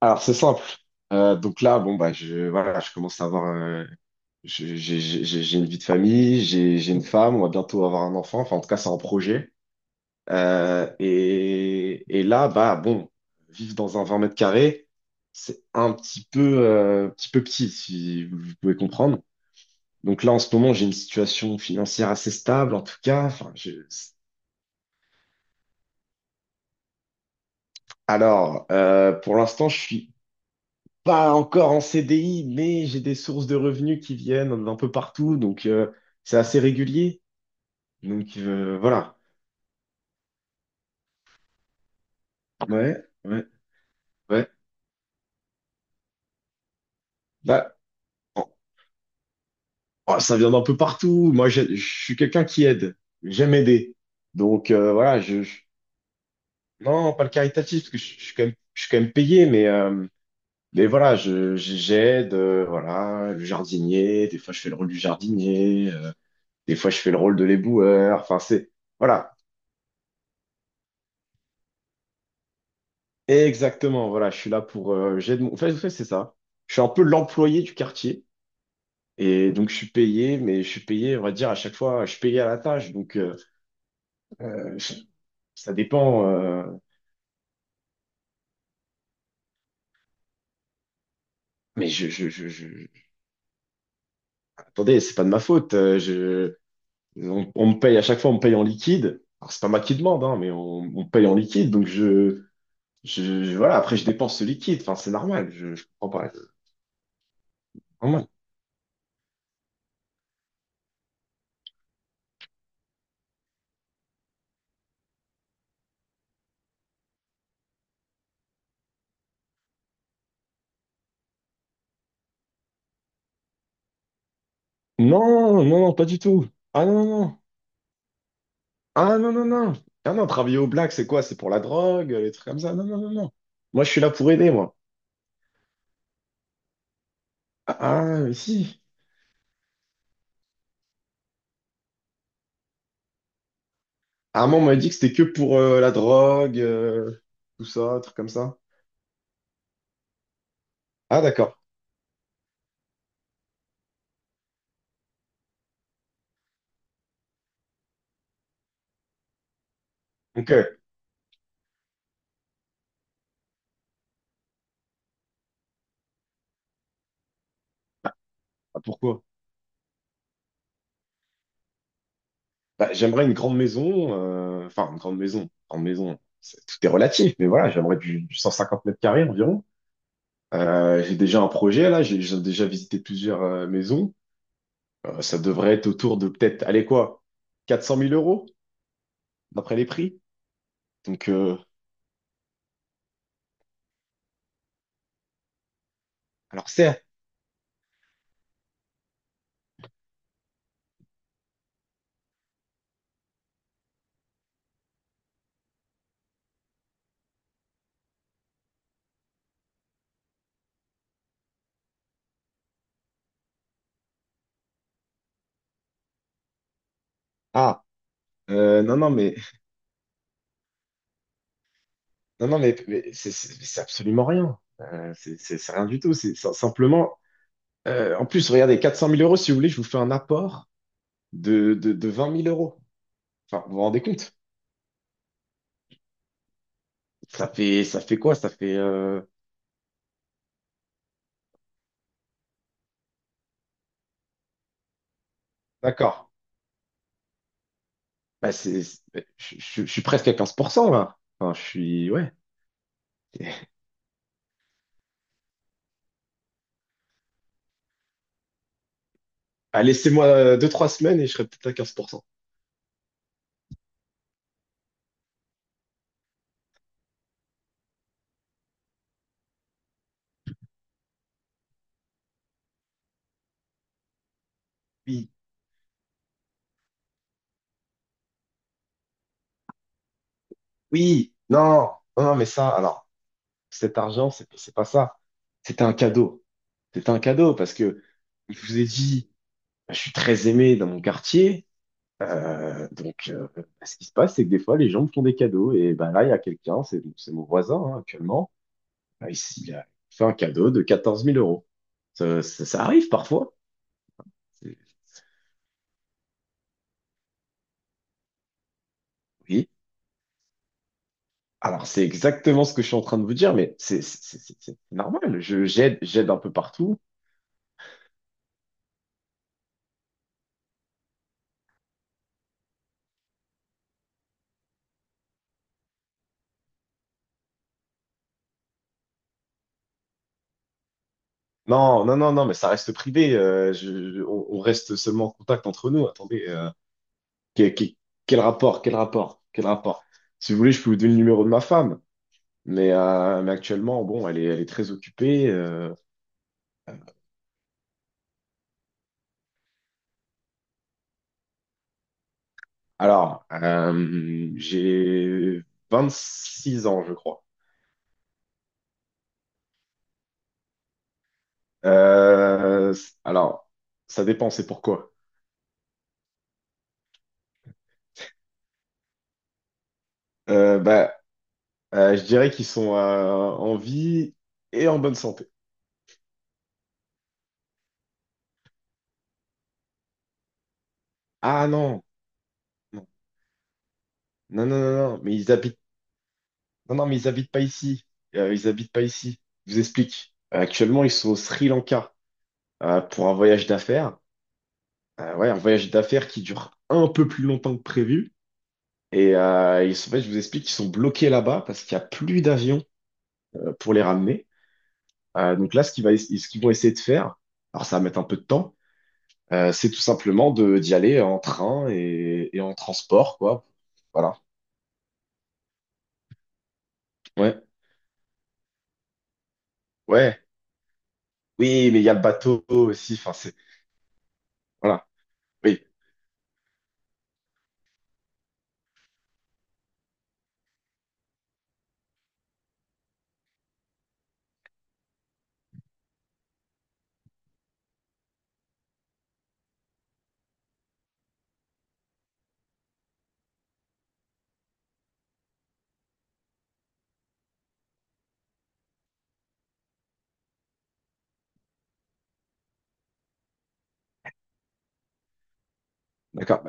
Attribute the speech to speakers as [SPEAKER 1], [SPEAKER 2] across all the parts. [SPEAKER 1] Alors, c'est simple. Donc là, bon, bah, voilà, je commence à avoir. J'ai une vie de famille, j'ai une femme, on va bientôt avoir un enfant. Enfin, en tout cas, c'est un projet. Et là, bah, bon, vivre dans un 20 mètres carrés, c'est un petit peu, petit peu petit, si vous pouvez comprendre. Donc là, en ce moment, j'ai une situation financière assez stable, en tout cas. Enfin, je... Alors, pour l'instant, je suis pas encore en CDI, mais j'ai des sources de revenus qui viennent d'un peu partout, donc c'est assez régulier. Donc, voilà. Ouais, ouais, ouais. Bah, oh, oh, ça vient d'un peu partout. Moi, je suis quelqu'un qui aide. J'aime aider. Donc, voilà, non, pas le caritatif, parce que je suis quand même, je suis quand même payé, mais mais voilà, j'aide. Voilà, le jardinier. Des fois, je fais le rôle du jardinier. Des fois, je fais le rôle de l'éboueur. Enfin, c'est voilà. Exactement, voilà, je suis là pour... En fait, c'est ça. Je suis un peu l'employé du quartier. Et donc, je suis payé, mais je suis payé, on va dire, à chaque fois, je suis payé à la tâche. Donc, euh, je- ça dépend. Mais je, je, je, je... Attendez, c'est pas de ma faute. On me paye à chaque fois, on me paye en liquide. Alors, c'est pas moi qui demande, hein, mais on me paye en liquide. Donc, voilà, après, je dépense ce liquide. Enfin, c'est normal. Je comprends pas. C'est normal. Non, non, non, pas du tout. Ah non, non, non. Ah non, non, non. Ah non, travailler au black, c'est quoi? C'est pour la drogue, les trucs comme ça. Non, non, non, non. Moi, je suis là pour aider, moi. Ah, ah, mais si. À un moment, on m'a dit que c'était que pour la drogue, tout ça, trucs comme ça. Ah, d'accord. Ok. Ah, pourquoi? Bah, j'aimerais une grande maison. Enfin, une grande maison. Grande maison. Tout est relatif, mais voilà, j'aimerais du 150 mètres carrés environ. J'ai déjà un projet, là. J'ai déjà visité plusieurs maisons. Ça devrait être autour de peut-être, allez quoi, 400 000 euros, d'après les prix. Donc, alors certes, ah, non, non, mais, non, non, mais c'est c'est absolument rien. C'est c'est rien du tout. C'est simplement, en plus, regardez, 400 000 euros, si vous voulez, je vous fais un apport de 20 000 euros. Enfin, vous vous rendez compte? Ça fait quoi? Ça fait, d'accord. Bah, je suis presque à 15% là. Enfin, je suis, ouais. Ah, laissez-moi deux trois semaines et je serai peut-être à 15%. Oui, oui, non, non, non, mais ça, alors. Cet argent, c'est pas ça. C'était un cadeau. C'était un cadeau parce que je vous ai dit, bah, je suis très aimé dans mon quartier. Donc, bah, ce qui se passe, c'est que des fois, les gens me font des cadeaux. Et ben là, il y a quelqu'un, c'est mon voisin, hein, actuellement. Ben, ici, il a fait un cadeau de 14 000 euros. Ça arrive parfois. C'est- Oui. Alors, c'est exactement ce que je suis en train de vous dire, mais c'est normal. J'aide un peu partout. Non, non, non, non, mais ça reste privé. On reste seulement en contact entre nous. Attendez, que- que- quel rapport, quel rapport, quel rapport? Si vous voulez, je peux vous donner le numéro de ma femme. Mais actuellement, bon, elle est très occupée. Alors, j'ai 26 ans, je crois. Euh, alors, ça dépend, c'est pourquoi. Bah, je dirais qu'ils sont en vie et en bonne santé. Ah non, non, non, non, non, non. mais ils habitent Non, non, mais ils habitent pas ici. Ils habitent pas ici. Je vous explique. Actuellement, ils sont au Sri Lanka pour un voyage d'affaires. Ouais, un voyage d'affaires qui dure un peu plus longtemps que prévu. Et ils sont, en fait, je vous explique, ils sont bloqués là-bas parce qu'il n'y a plus d'avion pour les ramener. Donc là, ce qu'ils vont essayer de faire, alors ça va mettre un peu de temps, c'est tout simplement de d'y aller en train et en transport, quoi. Voilà. Ouais. Ouais. Oui, mais il y a le bateau aussi. Enfin, c'est voilà. Oui, d'accord.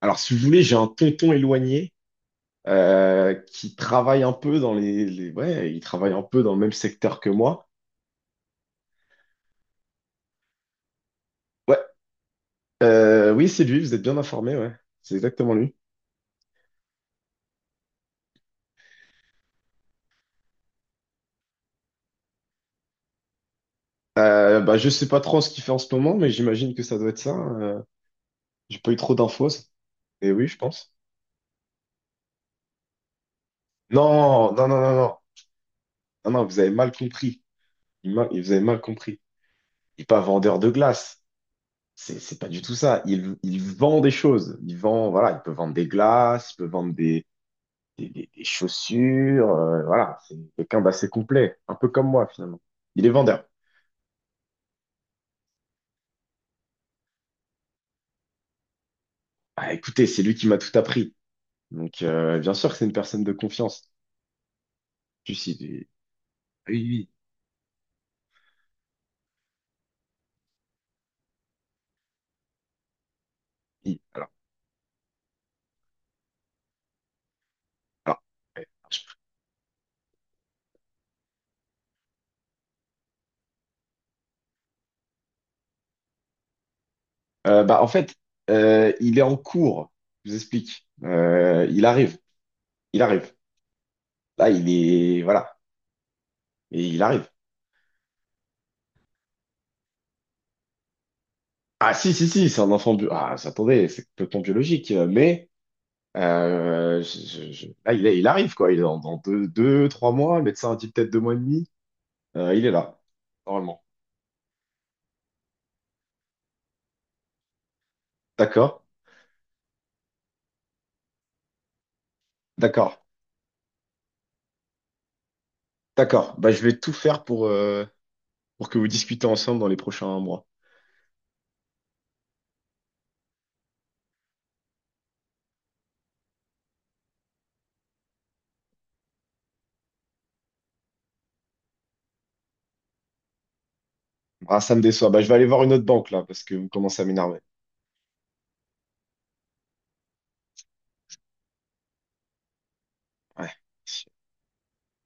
[SPEAKER 1] Alors, si vous voulez, j'ai un tonton éloigné qui travaille un peu. Ouais, il travaille un peu dans le même secteur que moi. Ouais, oui, c'est lui, vous êtes bien informé, ouais. C'est exactement lui. Bah, je sais pas trop ce qu'il fait en ce moment, mais j'imagine que ça doit être ça. J'ai pas eu trop d'infos. Et oui, je pense. Non, non, non, non, non. Non, non, vous avez mal compris. Vous avez mal compris. Il n'est pas vendeur de glace. C'est pas du tout ça. Il vend des choses. Il vend, voilà, il peut vendre des glaces, il peut vendre des chaussures, voilà, c'est quelqu'un d'assez complet, un peu comme moi finalement. Il est vendeur. Ah, écoutez, c'est lui qui m'a tout appris. Donc, bien sûr que c'est une personne de confiance. Tu sais, oui, oui, oui. Alors, ouais. Bah, en fait, il est en cours. Je vous explique. Il arrive. Là, il est, voilà, et il arrive. Ah, si, si, si, c'est un enfant bio. Ah, attendez, c'est complètement biologique, mais. Euh, je- je- Là, il arrive, quoi. Il est dans trois mois. Le médecin a dit peut-être 2 mois et demi. Il est là, normalement. D'accord, d'accord, d'accord. Bah, je vais tout faire pour que vous discutez ensemble dans les prochains mois. Ah, ça me déçoit. Bah, je vais aller voir une autre banque, là, parce que vous commencez à m'énerver. Ouais.